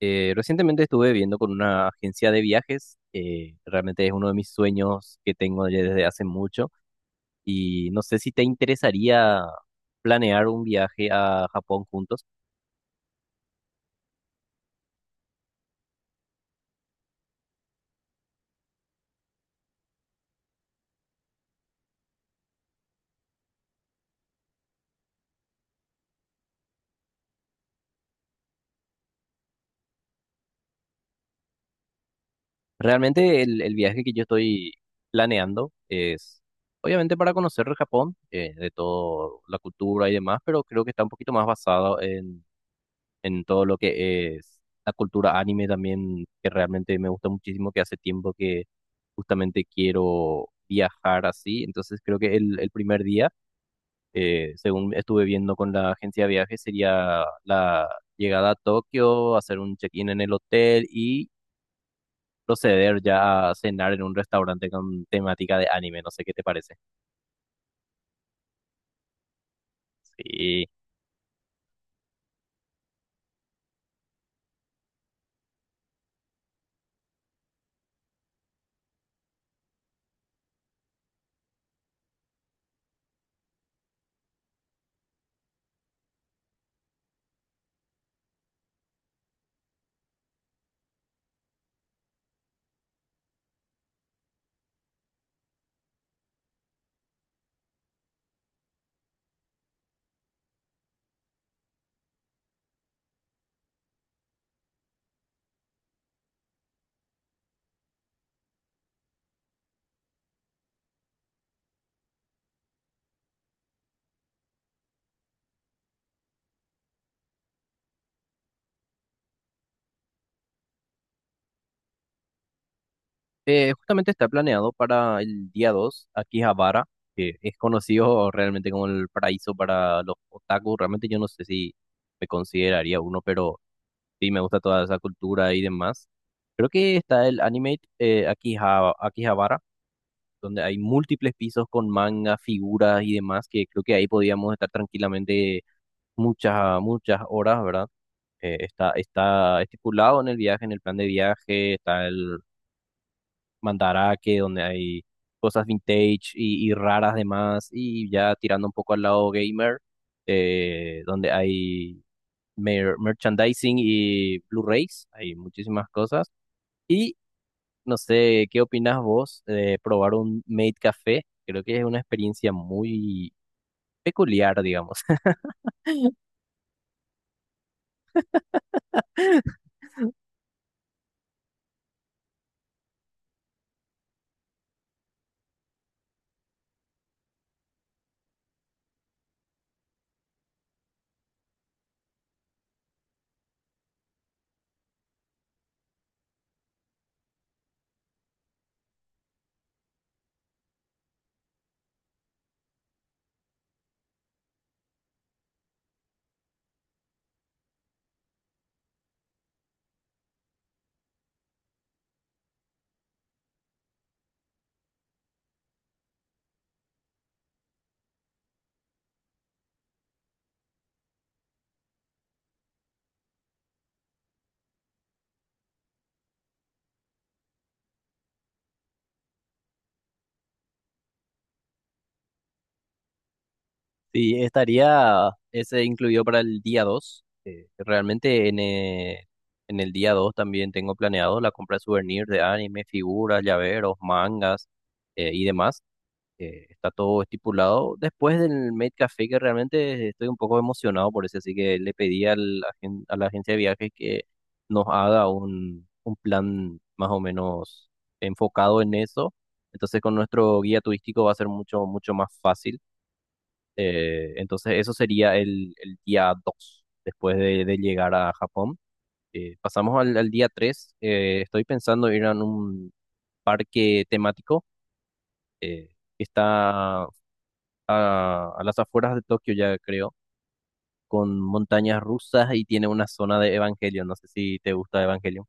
Recientemente estuve viendo con una agencia de viajes, realmente es uno de mis sueños que tengo ya desde hace mucho y no sé si te interesaría planear un viaje a Japón juntos. Realmente el viaje que yo estoy planeando es obviamente para conocer Japón, de toda la cultura y demás, pero creo que está un poquito más basado en todo lo que es la cultura anime también, que realmente me gusta muchísimo, que hace tiempo que justamente quiero viajar así. Entonces creo que el primer día, según estuve viendo con la agencia de viajes, sería la llegada a Tokio, hacer un check-in en el hotel y proceder ya a cenar en un restaurante con temática de anime. No sé qué te parece. Sí. Justamente está planeado para el día 2, Akihabara, que es conocido realmente como el paraíso para los otaku. Realmente yo no sé si me consideraría uno, pero sí me gusta toda esa cultura y demás. Creo que está el anime Akihabara, donde hay múltiples pisos con manga, figuras y demás, que creo que ahí podíamos estar tranquilamente muchas, muchas horas, ¿verdad? Está estipulado en el viaje, en el plan de viaje, está el Mandarake, donde hay cosas vintage y raras demás, y ya tirando un poco al lado gamer, donde hay merchandising y Blu-rays, hay muchísimas cosas. Y no sé, ¿qué opinas vos de probar un Made Café? Creo que es una experiencia muy peculiar, digamos. Sí, estaría ese incluido para el día 2. Realmente en el día 2 también tengo planeado la compra de souvenirs de anime, figuras, llaveros, mangas y demás. Está todo estipulado. Después del Maid Café, que realmente estoy un poco emocionado por eso, así que le pedí al a la agencia de viajes que nos haga un plan más o menos enfocado en eso. Entonces con nuestro guía turístico va a ser mucho, mucho más fácil. Entonces eso sería el día 2 después de llegar a Japón. Pasamos al día tres. Estoy pensando ir a un parque temático eh, que está a las afueras de Tokio, ya creo, con montañas rusas y tiene una zona de Evangelion. No sé si te gusta Evangelion.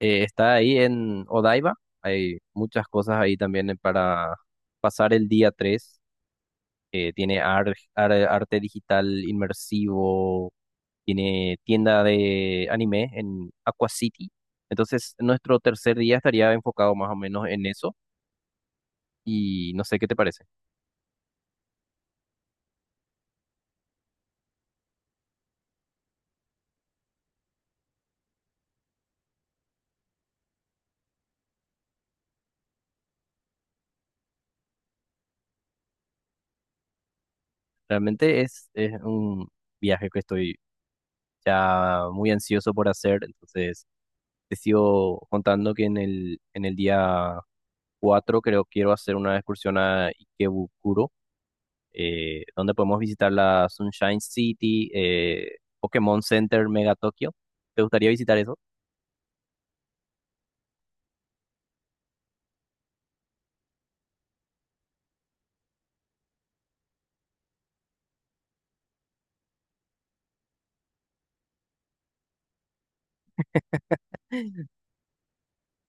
Está ahí en Odaiba. Hay muchas cosas ahí también para pasar el día tres. Tiene arte digital inmersivo, tiene tienda de anime en Aqua City. Entonces, nuestro tercer día estaría enfocado más o menos en eso y no sé qué te parece. Realmente es un viaje que estoy ya muy ansioso por hacer, entonces te sigo contando que en en el día 4 creo quiero hacer una excursión a Ikebukuro, donde podemos visitar la Sunshine City, Pokémon Center Mega Tokyo. ¿Te gustaría visitar eso?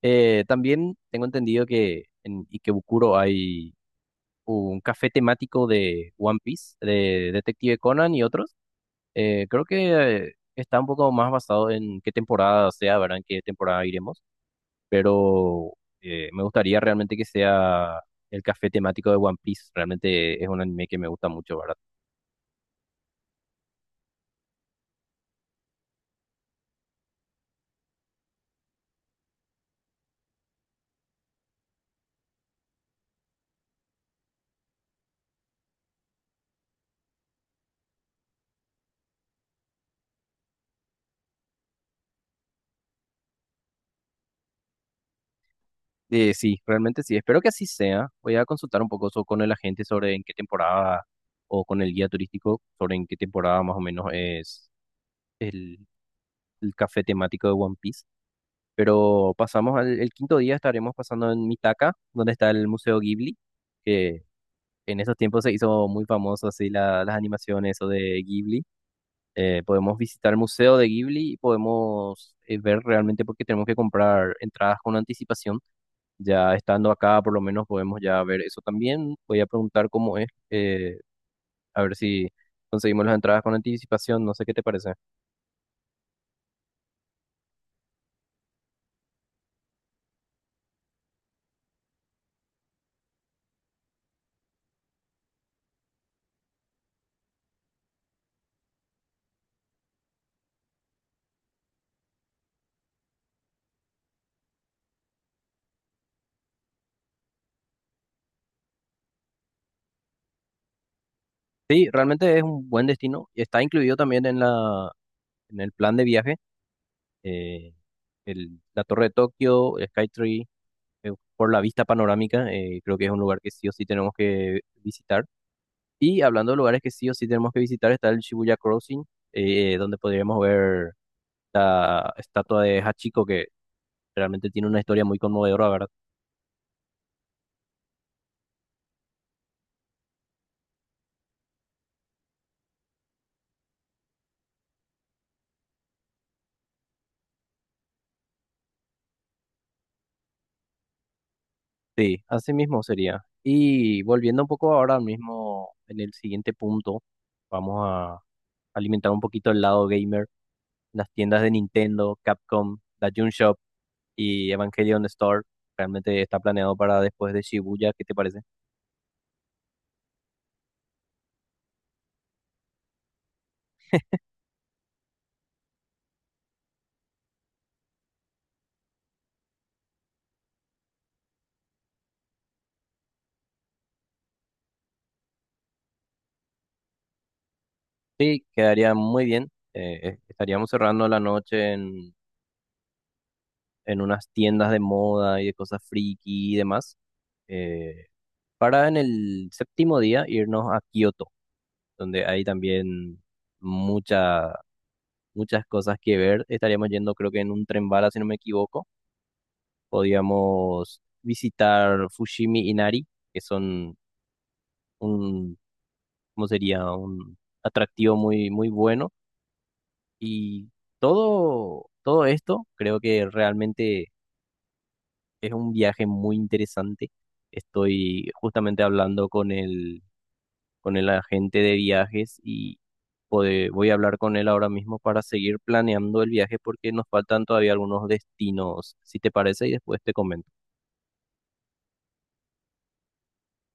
También tengo entendido que en Ikebukuro hay un café temático de One Piece, de Detective Conan y otros. Creo que está un poco más basado en qué temporada sea, ¿verdad? En qué temporada iremos. Pero me gustaría realmente que sea el café temático de One Piece. Realmente es un anime que me gusta mucho, ¿verdad? Sí, realmente sí. Espero que así sea. Voy a consultar un poco con el agente sobre en qué temporada o con el guía turístico sobre en qué temporada más o menos es el, el café temático de One Piece. Pero pasamos al el quinto día, estaremos pasando en Mitaka, donde está el Museo Ghibli, que en esos tiempos se hizo muy famoso así las animaciones o de Ghibli. Podemos visitar el Museo de Ghibli y podemos ver realmente porque tenemos que comprar entradas con anticipación. Ya estando acá, por lo menos podemos ya ver eso también. Voy a preguntar cómo es, a ver si conseguimos las entradas con anticipación. No sé qué te parece. Sí, realmente es un buen destino y está incluido también en en el plan de viaje, eh, la Torre de Tokio, el Skytree, por la vista panorámica, creo que es un lugar que sí o sí tenemos que visitar. Y hablando de lugares que sí o sí tenemos que visitar, está el Shibuya Crossing, donde podríamos ver la estatua de Hachiko, que realmente tiene una historia muy conmovedora, ¿verdad? Sí, así mismo sería. Y volviendo un poco ahora mismo en el siguiente punto, vamos a alimentar un poquito el lado gamer. Las tiendas de Nintendo, Capcom, la Jun Shop y Evangelion Store realmente está planeado para después de Shibuya. ¿Qué te parece? Sí, quedaría muy bien. Estaríamos cerrando la noche en unas tiendas de moda y de cosas friki y demás, eh, para en el séptimo día irnos a Kioto, donde hay también mucha, muchas cosas que ver. Estaríamos yendo, creo que en un tren bala, si no me equivoco. Podíamos visitar Fushimi Inari, que son un, ¿cómo sería? Un atractivo muy, muy bueno. Y todo, todo esto creo que realmente es un viaje muy interesante. Estoy justamente hablando con con el agente de viajes y voy a hablar con él ahora mismo para seguir planeando el viaje porque nos faltan todavía algunos destinos, si te parece, y después te comento.